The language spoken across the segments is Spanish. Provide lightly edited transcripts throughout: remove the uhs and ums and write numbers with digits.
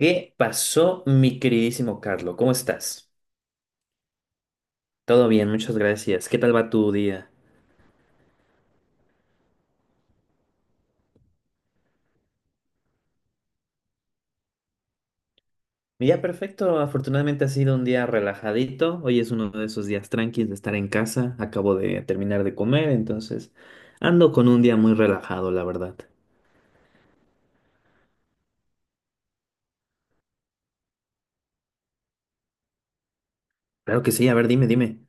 ¿Qué pasó, mi queridísimo Carlo? ¿Cómo estás? Todo bien, muchas gracias. ¿Qué tal va tu día? Mi día perfecto, afortunadamente ha sido un día relajadito. Hoy es uno de esos días tranquilos de estar en casa. Acabo de terminar de comer, entonces ando con un día muy relajado, la verdad. Claro que sí, a ver, dime, dime.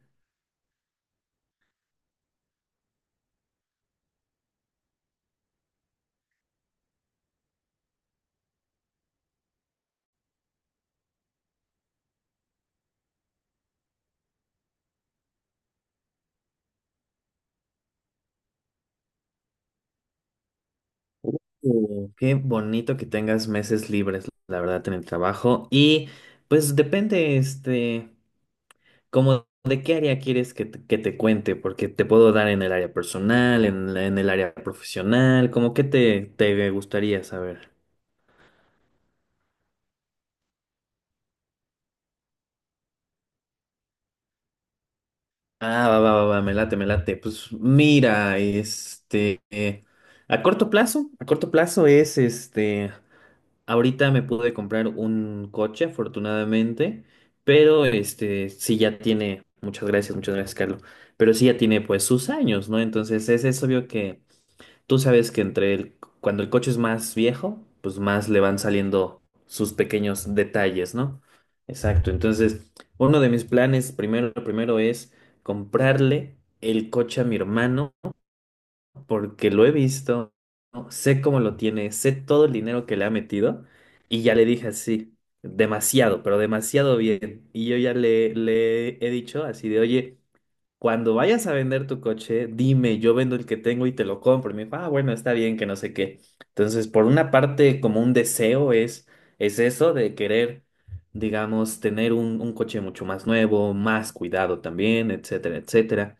Qué bonito que tengas meses libres, la verdad, en el trabajo. Y pues depende, este. ¿Cómo de qué área quieres que te cuente? Porque te puedo dar en el área personal, en el área profesional, como qué te gustaría saber. Ah, va, va, va, va, me late, me late. Pues mira, este, a corto plazo es este, ahorita me pude comprar un coche, afortunadamente, pero este, sí ya tiene, muchas gracias, Carlos, pero sí ya tiene pues sus años, ¿no? Entonces es obvio que tú sabes que cuando el coche es más viejo, pues más le van saliendo sus pequeños detalles, ¿no? Exacto. Entonces, uno de mis planes primero, lo primero es comprarle el coche a mi hermano porque lo he visto, ¿no? Sé cómo lo tiene, sé todo el dinero que le ha metido y ya le dije así, demasiado, pero demasiado bien. Y yo ya le he dicho así de, oye. Cuando vayas a vender tu coche, dime, yo vendo el que tengo y te lo compro. Y me dijo, ah, bueno, está bien, que no sé qué. Entonces, por una parte, como un deseo es eso de querer, digamos, tener un coche mucho más nuevo, más cuidado también, etcétera, etcétera.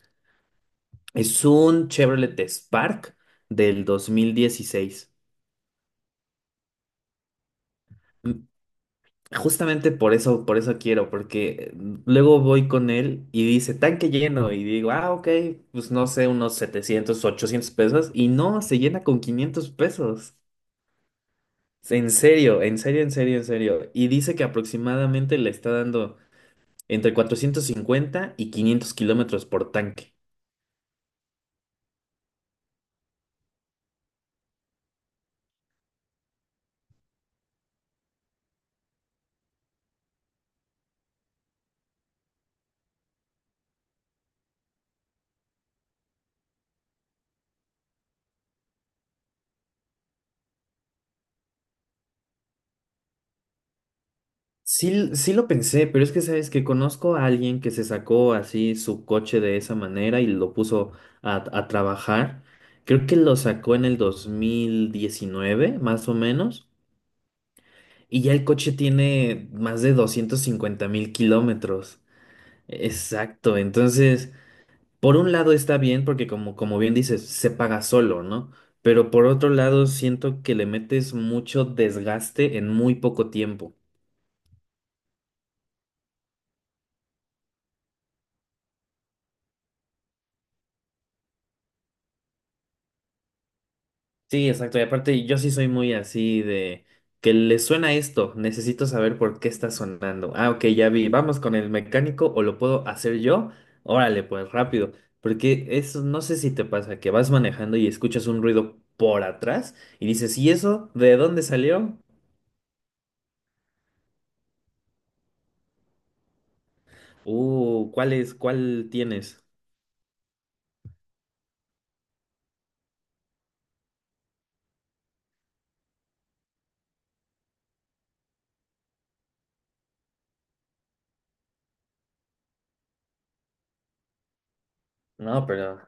Es un Chevrolet Spark del 2016. Justamente por eso quiero, porque luego voy con él y dice tanque lleno y digo, ah, ok, pues no sé, unos 700, 800 pesos y no, se llena con 500 pesos. En serio, en serio, en serio, en serio. Y dice que aproximadamente le está dando entre 450 y 500 kilómetros por tanque. Sí, sí lo pensé, pero es que sabes que conozco a alguien que se sacó así su coche de esa manera y lo puso a trabajar. Creo que lo sacó en el 2019, más o menos, y ya el coche tiene más de 250.000 kilómetros. Exacto, entonces, por un lado está bien porque como bien dices, se paga solo, ¿no? Pero por otro lado, siento que le metes mucho desgaste en muy poco tiempo. Sí, exacto. Y aparte, yo sí soy muy así de que le suena esto. Necesito saber por qué está sonando. Ah, ok, ya vi. Vamos con el mecánico o lo puedo hacer yo. Órale, pues rápido. Porque eso, no sé si te pasa que vas manejando y escuchas un ruido por atrás y dices, ¿y eso? ¿De dónde salió? ¿Cuál es? ¿Cuál tienes? No, pero.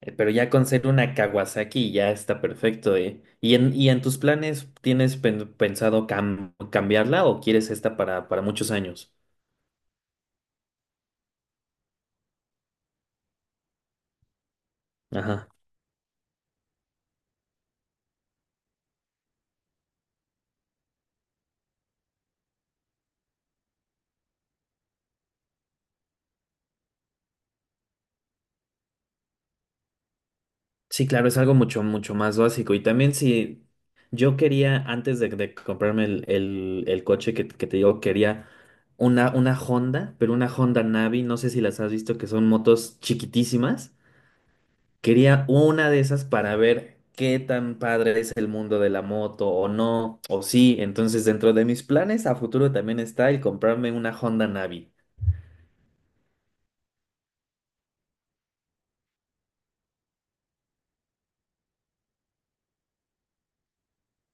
Pero ya con ser una Kawasaki ya está perfecto, ¿eh? ¿Y en tus planes tienes pensado cambiarla o quieres esta para muchos años? Ajá. Sí, claro, es algo mucho, mucho más básico. Y también si yo quería, antes de comprarme el coche que te digo, quería una Honda, pero una Honda Navi, no sé si las has visto, que son motos chiquitísimas. Quería una de esas para ver qué tan padre es el mundo de la moto o no, o sí. Entonces, dentro de mis planes a futuro también está el comprarme una Honda Navi.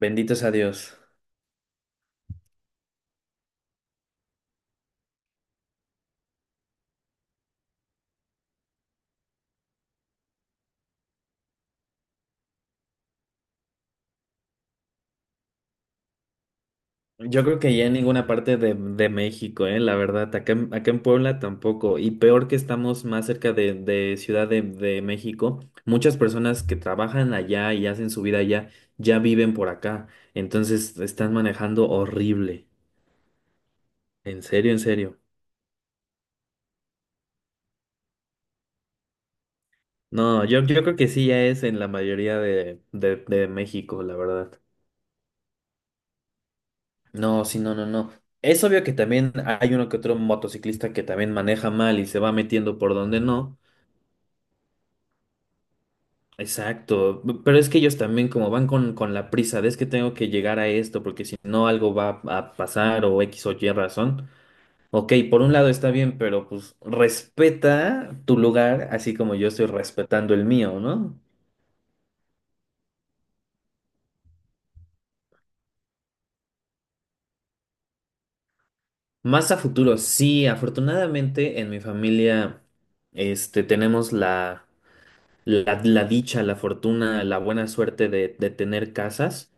Bendito sea Dios. Yo creo que ya en ninguna parte de México, la verdad, acá en Puebla tampoco. Y peor que estamos más cerca de Ciudad de México, muchas personas que trabajan allá y hacen su vida allá ya viven por acá. Entonces están manejando horrible. En serio, en serio. No, yo creo que sí ya es en la mayoría de México, la verdad. No, sí, no, no, no. Es obvio que también hay uno que otro motociclista que también maneja mal y se va metiendo por donde no. Exacto. Pero es que ellos también como van con la prisa de es que tengo que llegar a esto porque si no algo va a pasar o X o Y razón. Ok, por un lado está bien, pero pues respeta tu lugar así como yo estoy respetando el mío, ¿no? Más a futuro, sí, afortunadamente en mi familia este, tenemos la dicha, la fortuna, la buena suerte de tener casas.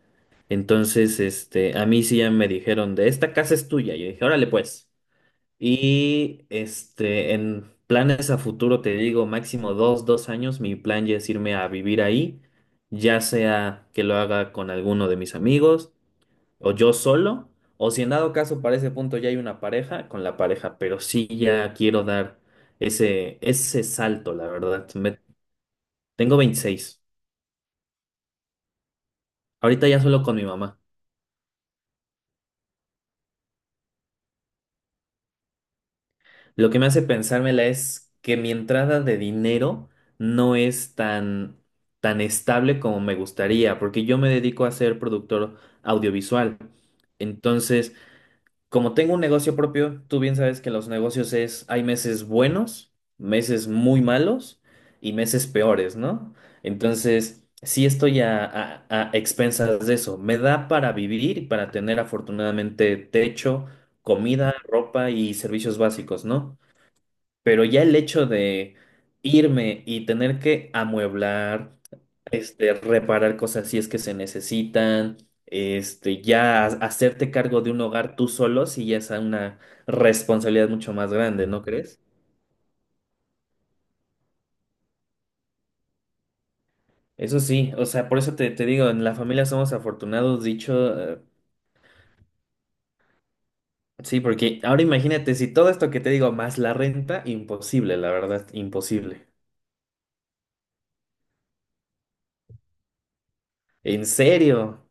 Entonces, este, a mí sí ya me dijeron de esta casa es tuya. Yo dije, órale pues. Y este, en planes a futuro, te digo, máximo dos años, mi plan ya es irme a vivir ahí, ya sea que lo haga con alguno de mis amigos o yo solo, o si en dado caso para ese punto ya hay una pareja, con la pareja, pero sí ya quiero dar ese salto, la verdad. Tengo 26. Ahorita ya solo con mi mamá. Lo que me hace pensármela es que mi entrada de dinero no es tan estable como me gustaría, porque yo me dedico a ser productor audiovisual. Entonces, como tengo un negocio propio, tú bien sabes que los negocios es, hay meses buenos, meses muy malos y meses peores, ¿no? Entonces, sí estoy a expensas de eso. Me da para vivir y para tener afortunadamente techo, comida, ropa y servicios básicos, ¿no? Pero ya el hecho de irme y tener que amueblar, este, reparar cosas si es que se necesitan, este, ya hacerte cargo de un hogar tú solo, si ya es una responsabilidad mucho más grande, ¿no crees? Eso sí, o sea, por eso te digo, en la familia somos afortunados, dicho, sí, porque ahora imagínate, si todo esto que te digo más la renta, imposible, la verdad, imposible. ¿En serio?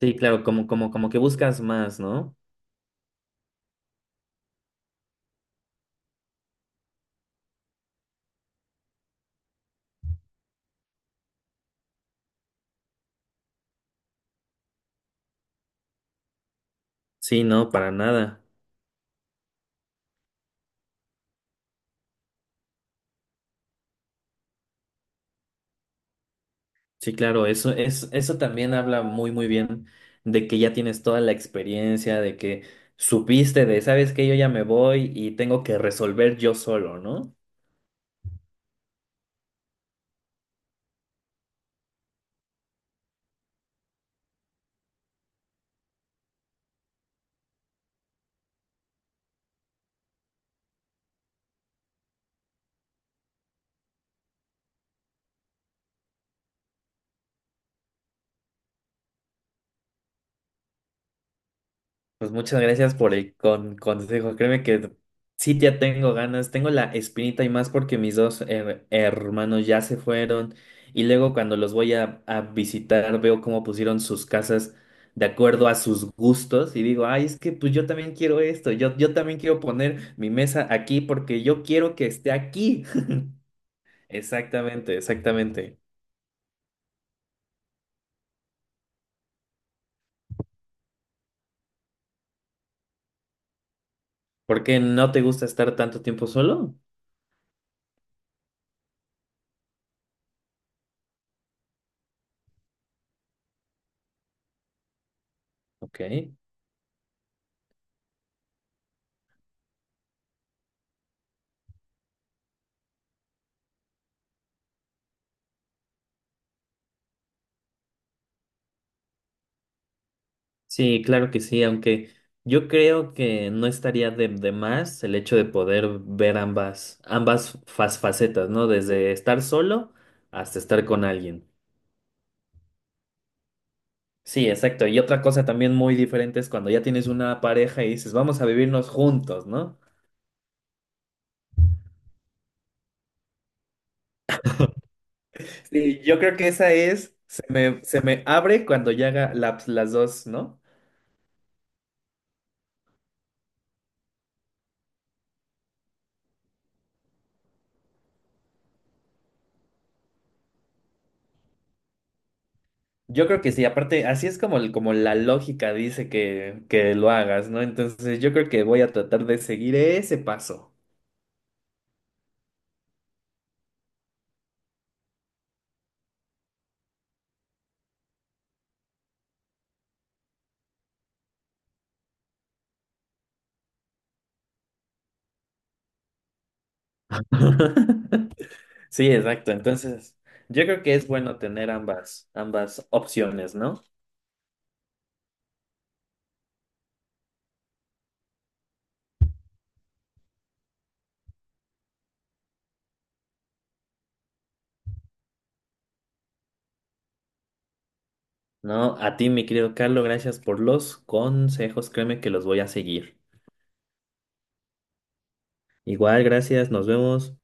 Sí, claro, como que buscas más, ¿no? Sí, no, para nada. Sí, claro, eso, es, eso también habla muy, muy bien de que ya tienes toda la experiencia, de que supiste sabes que yo ya me voy y tengo que resolver yo solo, ¿no? Pues muchas gracias por el consejo. Créeme que sí ya tengo ganas, tengo la espinita y más porque mis dos hermanos ya se fueron y luego cuando los voy a visitar veo cómo pusieron sus casas de acuerdo a sus gustos y digo, ay, es que pues yo también quiero esto, yo también quiero poner mi mesa aquí porque yo quiero que esté aquí. Exactamente, exactamente. ¿Por qué no te gusta estar tanto tiempo solo? Ok. Sí, claro que sí, aunque yo creo que no estaría de más el hecho de poder ver ambas facetas, ¿no? Desde estar solo hasta estar con alguien. Sí, exacto. Y otra cosa también muy diferente es cuando ya tienes una pareja y dices, vamos a vivirnos juntos, ¿no? Sí, yo creo que esa es, se me abre cuando ya haga las dos, ¿no? Yo creo que sí, aparte, así es como, como la lógica dice que lo hagas, ¿no? Entonces yo creo que voy a tratar de seguir ese paso. Sí, exacto. Entonces, yo creo que es bueno tener ambas opciones, ¿no? No, a ti, mi querido Carlos, gracias por los consejos. Créeme que los voy a seguir. Igual, gracias, nos vemos.